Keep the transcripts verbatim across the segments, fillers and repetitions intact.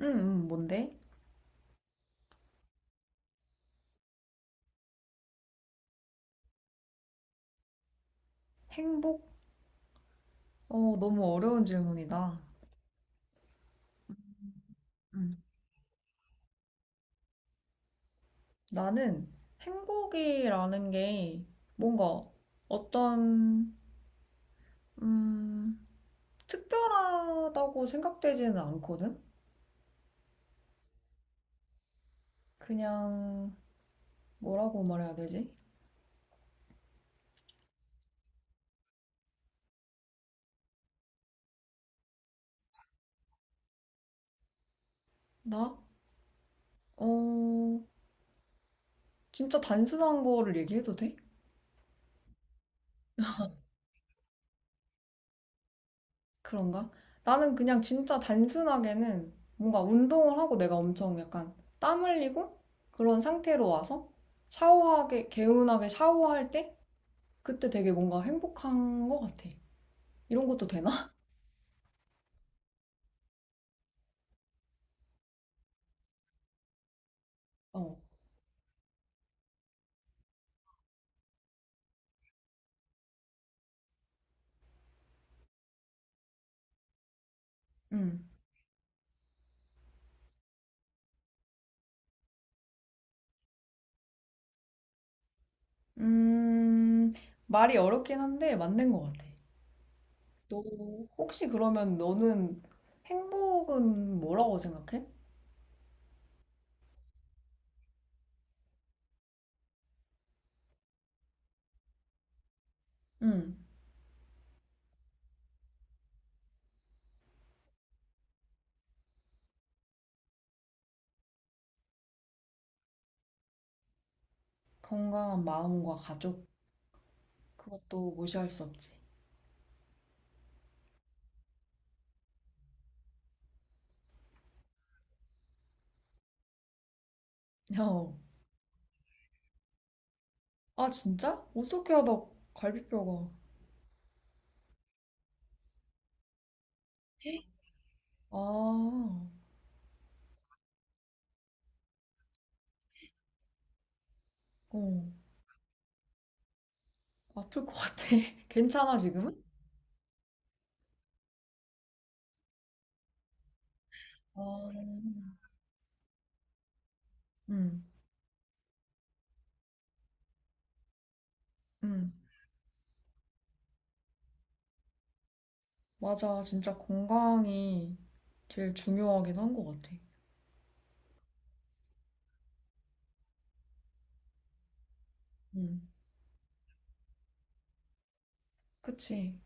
음, 음, 뭔데? 행복? 어, 너무 어려운 질문이다. 음. 나는 행복이라는 게 뭔가 어떤, 음, 특별하다고 생각되지는 않거든? 그냥, 뭐라고 말해야 되지? 나? 어, 진짜 단순한 거를 얘기해도 돼? 그런가? 나는 그냥 진짜 단순하게는 뭔가 운동을 하고 내가 엄청 약간 땀 흘리고 그런 상태로 와서 샤워하게, 개운하게 샤워할 때 그때 되게 뭔가 행복한 것 같아. 이런 것도 되나? 어, 음. 음, 말이 어렵긴 한데 맞는 것 같아. 너 혹시 그러면 너는 행복은 뭐라고 생각해? 음, 건강한 마음과 가족. 그것도 무시할 수 없지. 어. 아, 진짜? 어떻게 하다 갈비뼈가. 아, 어, 아플 것 같아. 괜찮아, 지금은? 아, 응, 응. 맞아. 진짜 건강이 제일 중요하긴 한 것 같아. 응, 그치.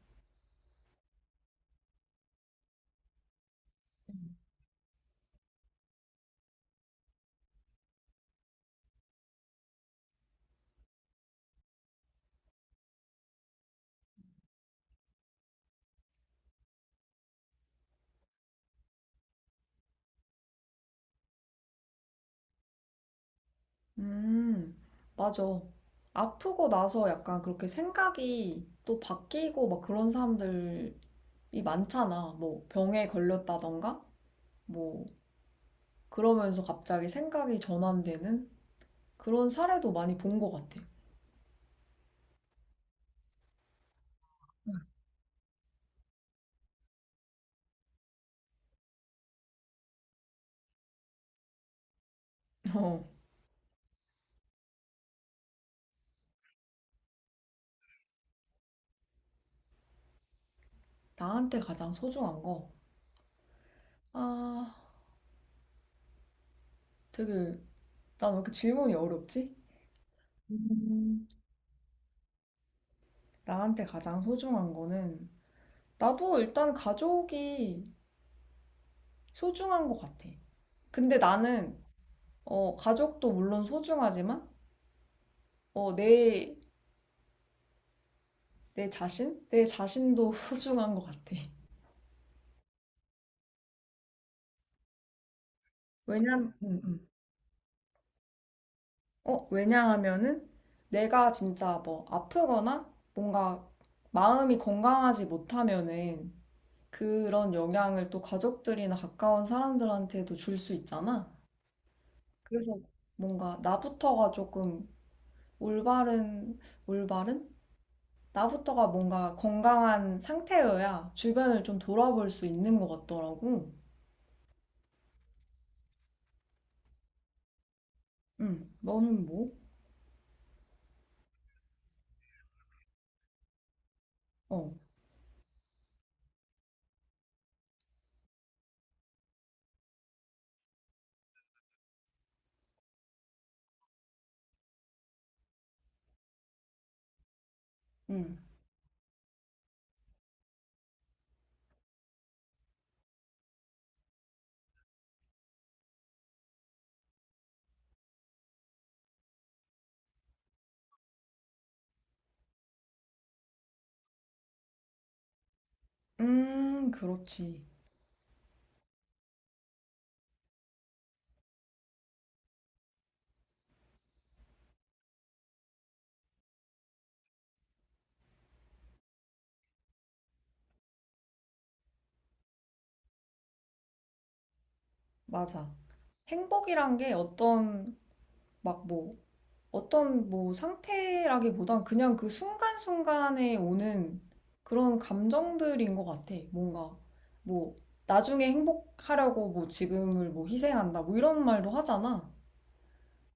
응. 음, 맞아. 아프고 나서 약간 그렇게 생각이 또 바뀌고 막 그런 사람들이 많잖아. 뭐 병에 걸렸다던가? 뭐, 그러면서 갑자기 생각이 전환되는? 그런 사례도 많이 본 것 같아. 어, 나한테 가장 소중한 거. 아, 되게, 난 왜 이렇게 질문이 어렵지? 음, 나한테 가장 소중한 거는, 나도 일단 가족이 소중한 것 같아. 근데 나는, 어, 가족도 물론 소중하지만, 어, 내, 내 자신? 내 자신도 소중한 것 같아. 왜냐면, 음, 음. 어, 왜냐하면은 내가 진짜 뭐 아프거나 뭔가 마음이 건강하지 못하면은 그런 영향을 또 가족들이나 가까운 사람들한테도 줄 수 있잖아. 그래서 뭔가 나부터가 조금 올바른, 올바른? 나부터가 뭔가 건강한 상태여야 주변을 좀 돌아볼 수 있는 것 같더라고. 응, 너는 뭐? 어, 응. 음, 그렇지. 맞아. 행복이란 게 어떤 막뭐 어떤 뭐 상태라기보단 그냥 그 순간순간에 오는 그런 감정들인 것 같아. 뭔가 뭐 나중에 행복하려고 뭐 지금을 뭐 희생한다 뭐 이런 말도 하잖아.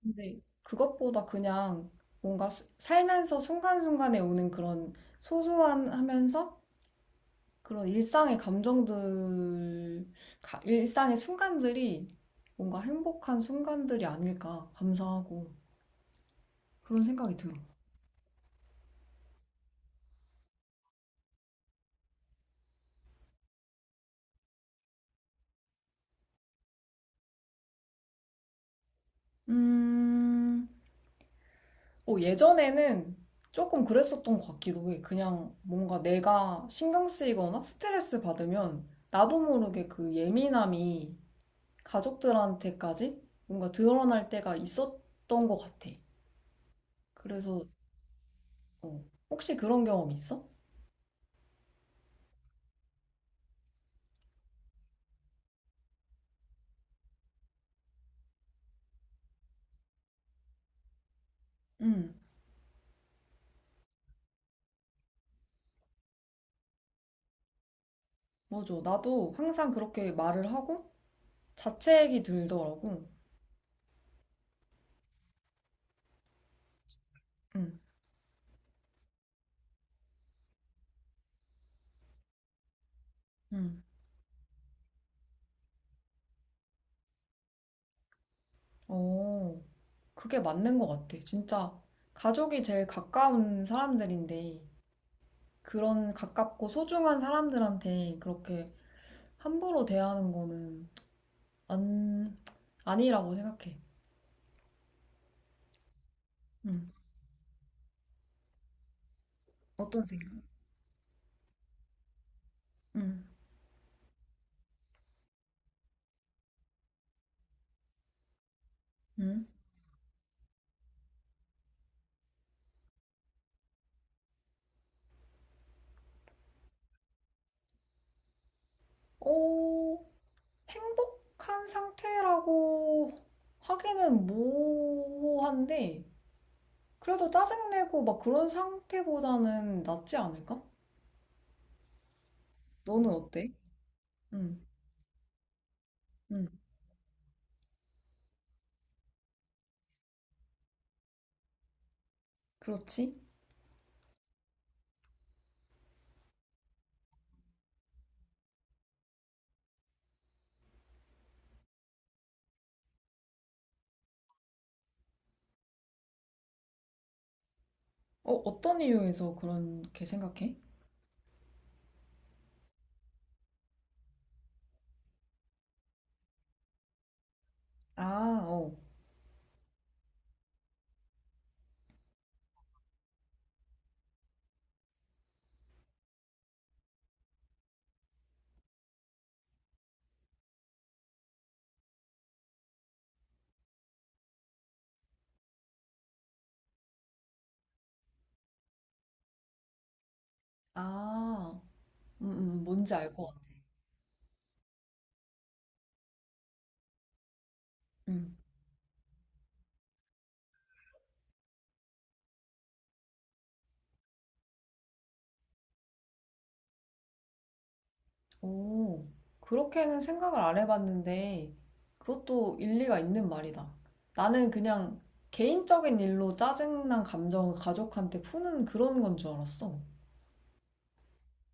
근데 그것보다 그냥 뭔가 수- 살면서 순간순간에 오는 그런 소소한 하면서 그런 일상의 감정들, 가- 일상의 순간들이 뭔가 행복한 순간들이 아닐까 감사하고 그런 생각이 들어. 음, 어, 예전에는 조금 그랬었던 것 같기도 해. 그냥 뭔가 내가 신경 쓰이거나 스트레스 받으면 나도 모르게 그 예민함이 가족들한테까지 뭔가 드러날 때가 있었던 것 같아. 그래서, 어, 혹시 그런 경험 있어? 응, 맞아. 나도 항상 그렇게 말을 하고 자책이 들더라고. 응, 응. 어, 그게 맞는 것 같아. 진짜 가족이 제일 가까운 사람들인데. 그런 가깝고 소중한 사람들한테 그렇게 함부로 대하는 거는 안, 아니라고 생각해. 음, 어떤 생각? 응 응 어, 행복한 상태라고 하기는 모호한데, 그래도 짜증내고 막 그런 상태보다는 낫지 않을까? 너는 어때? 응 응 그렇지. 어, 어떤 이유에서 그렇게 생각해? 아, 어. 아, 음, 음, 뭔지 알 것 같아. 음. 오, 그렇게는 생각을 안 해봤는데, 그것도 일리가 있는 말이다. 나는 그냥 개인적인 일로 짜증난 감정을 가족한테 푸는 그런 건 줄 알았어.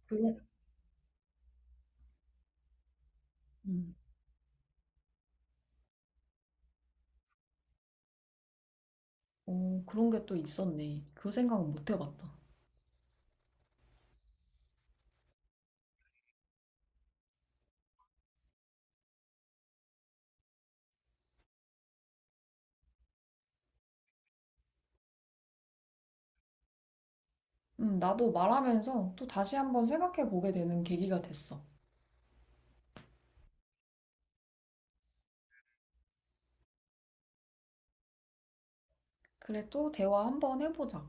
그런, 음. 오, 그런 게 또 있었네. 그 생각은 못 해봤다. 음, 나도 말하면서 또 다시 한번 생각해 보게 되는 계기가 됐어. 그래, 또 대화 한번 해보자.